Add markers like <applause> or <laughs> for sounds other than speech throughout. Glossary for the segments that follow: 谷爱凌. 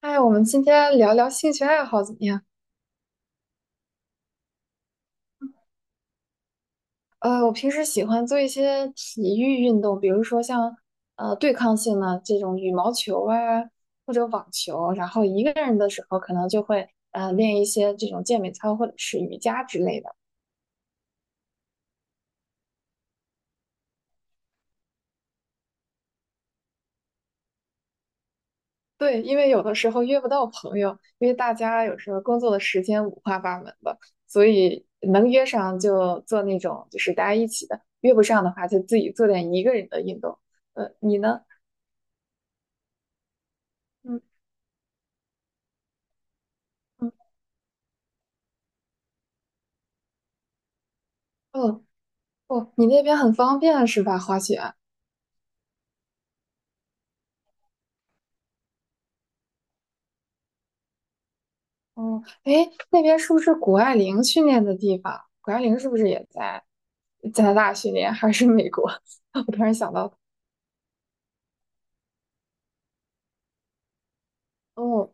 哎，我们今天聊聊兴趣爱好怎么样？我平时喜欢做一些体育运动，比如说像对抗性的这种羽毛球啊，或者网球。然后一个人的时候，可能就会练一些这种健美操或者是瑜伽之类的。对，因为有的时候约不到朋友，因为大家有时候工作的时间五花八门的，所以能约上就做那种就是大家一起的，约不上的话就自己做点一个人的运动。你呢？嗯嗯。哦，哦，你那边很方便是吧？滑雪。哦，诶，那边是不是谷爱凌训练的地方？谷爱凌是不是也在加拿大训练，还是美国？<laughs> 我突然想到，哦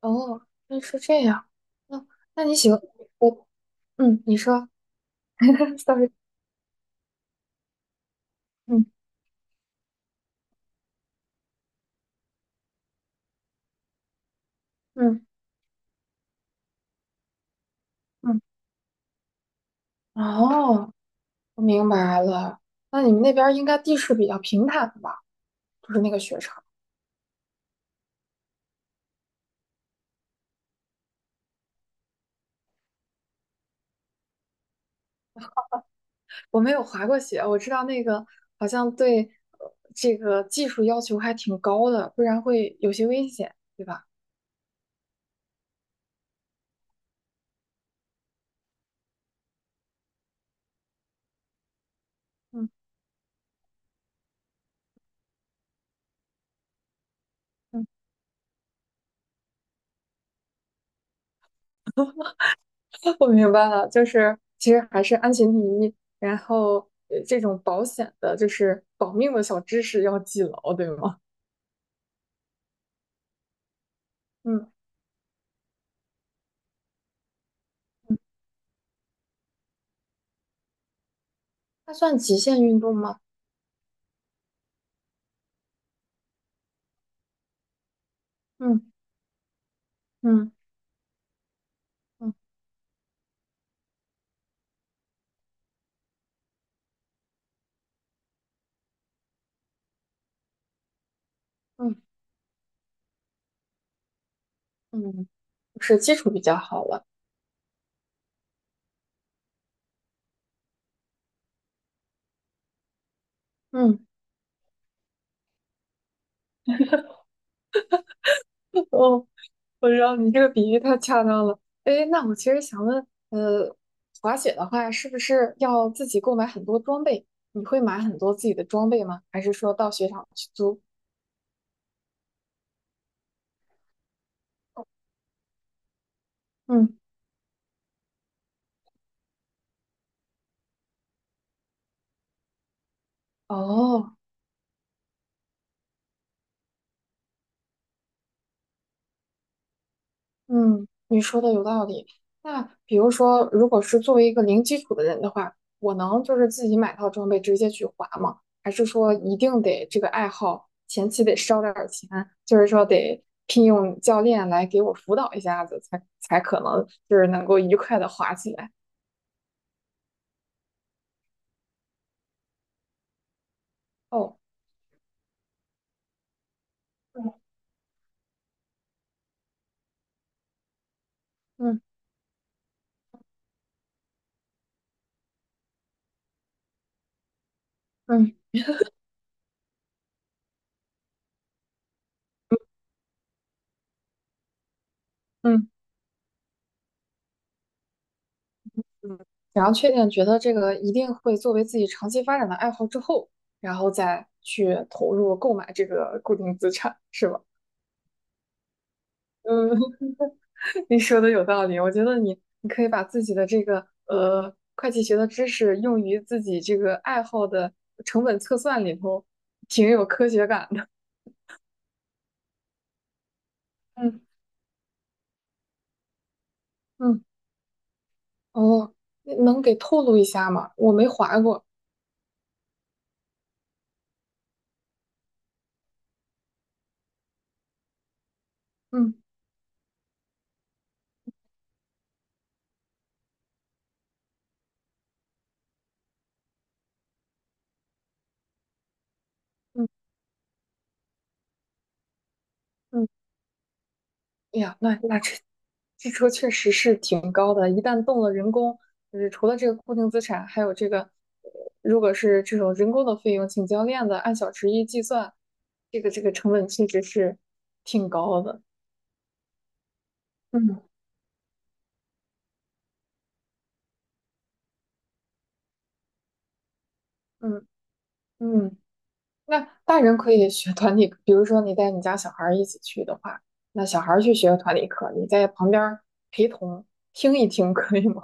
哦，那是这样。那那你喜欢我？嗯，你说 <laughs>，sorry，嗯嗯嗯，哦，我明白了。那你们那边应该地势比较平坦吧？就是那个雪场。我没有滑过雪，我知道那个好像对这个技术要求还挺高的，不然会有些危险，对吧？嗯嗯，<laughs> 我明白了，就是其实还是安全第一，然后这种保险的，就是保命的小知识要记牢，对吗？嗯，它算极限运动吗？嗯嗯嗯嗯嗯，是基础比较好了。嗯，哦。我知道你这个比喻太恰当了。哎，那我其实想问，滑雪的话，是不是要自己购买很多装备？你会买很多自己的装备吗？还是说到雪场去租？嗯，哦，嗯，你说的有道理。那比如说，如果是作为一个零基础的人的话，我能就是自己买套装备直接去滑吗？还是说一定得这个爱好前期得烧点儿钱，就是说得聘用教练来给我辅导一下子，才可能就是能够愉快的滑起来？哦，嗯嗯嗯嗯，然后确定觉得这个一定会作为自己长期发展的爱好之后，然后再去投入购买这个固定资产，是吧？嗯，你说的有道理，我觉得你可以把自己的这个会计学的知识用于自己这个爱好的成本测算里头，挺有科学感的。嗯 <laughs> 嗯，哦，那能给透露一下吗？我没划过。嗯嗯嗯，哎呀，那那这这车确实是挺高的，一旦动了人工，就是除了这个固定资产，还有这个，如果是这种人工的费用，请教练的按小时一计算，这个成本确实是挺高的。嗯嗯嗯，那大人可以学团体课比如说你带你家小孩儿一起去的话，那小孩儿去学团体课，你在旁边儿陪同听一听 <laughs>，可以吗？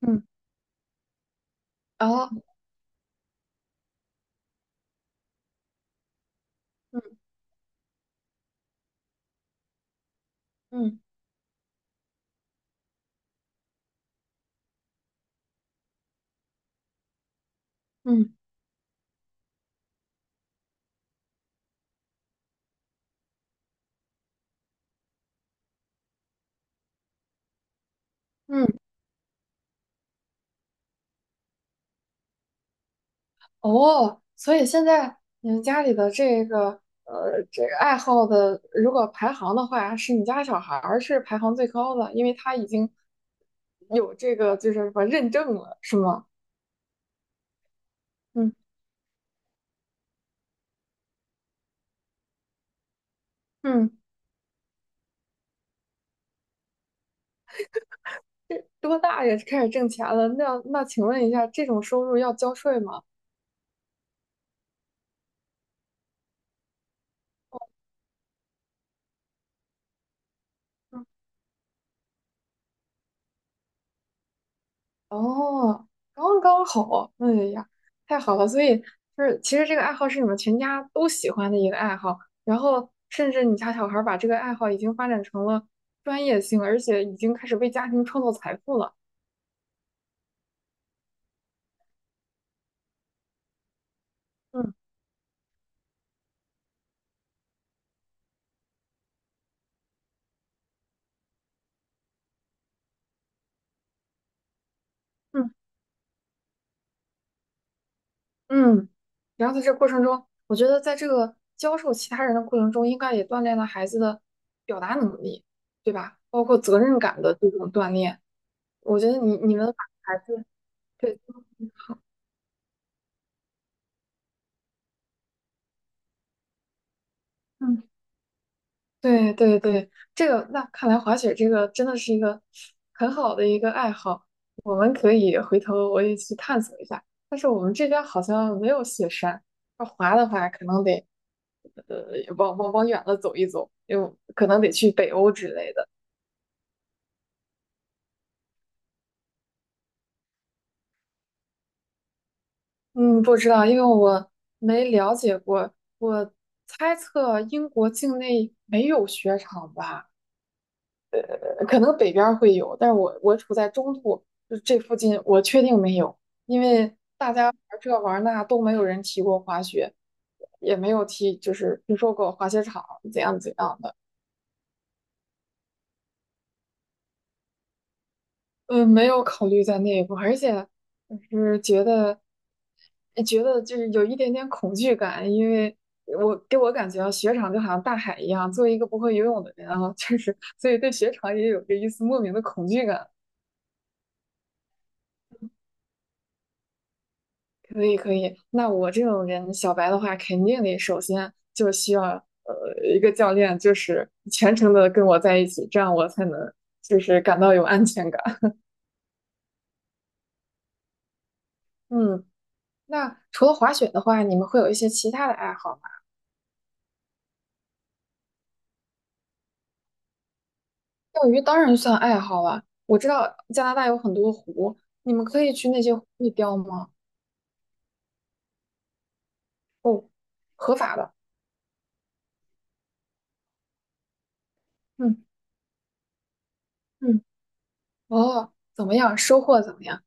嗯啊，嗯嗯嗯嗯，哦，所以现在你们家里的这个这个爱好的，如果排行的话，是你家小孩儿是排行最高的，因为他已经有这个就是什么认证了，是吗？嗯嗯。多大也开始挣钱了？那那请问一下，这种收入要交税吗？嗯哦，刚刚好，哎呀，太好了！所以就是，其实这个爱好是你们全家都喜欢的一个爱好，然后甚至你家小孩儿把这个爱好已经发展成了专业性，而且已经开始为家庭创造财富了。嗯嗯，嗯，然后在这过程中，我觉得在这个教授其他人的过程中，应该也锻炼了孩子的表达能力，对吧？包括责任感的这种锻炼。我觉得你们把孩子对，嗯，对对对，这个那看来滑雪这个真的是一个很好的一个爱好，我们可以回头我也去探索一下。但是我们这边好像没有雪山，要滑的话可能得往远了走一走，又可能得去北欧之类的。嗯，不知道，因为我没了解过，我猜测英国境内没有雪场吧。可能北边会有，但是我处在中部，就这附近，我确定没有，因为大家玩这玩那都没有人提过滑雪，也没有提就是听说过滑雪场怎样怎样的，嗯，没有考虑在内部，而且就是觉得哎觉得就是有一点点恐惧感，因为我给我感觉啊雪场就好像大海一样，作为一个不会游泳的人啊，<laughs> 确实，所以对雪场也有着一丝莫名的恐惧感。可以可以，那我这种人小白的话，肯定得首先就需要一个教练，就是全程的跟我在一起，这样我才能就是感到有安全感。<laughs> 嗯，那除了滑雪的话，你们会有一些其他的爱好吗？钓鱼当然算爱好了，我知道加拿大有很多湖，你们可以去那些湖里钓吗？哦，合法的。嗯嗯，哦，怎么样？收获怎么样？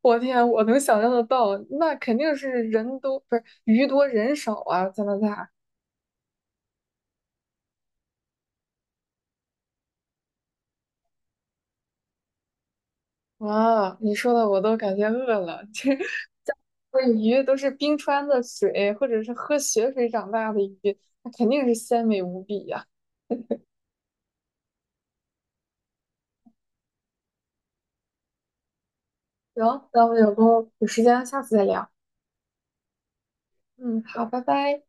我天，我能想象得到，那肯定是人多，不是鱼多人少啊，加拿大。哇，你说的我都感觉饿了。<laughs> 这不是鱼都是冰川的水，或者是喝雪水长大的鱼，那肯定是鲜美无比呀、行，那我们有空有时间下次再聊。嗯，好，拜拜。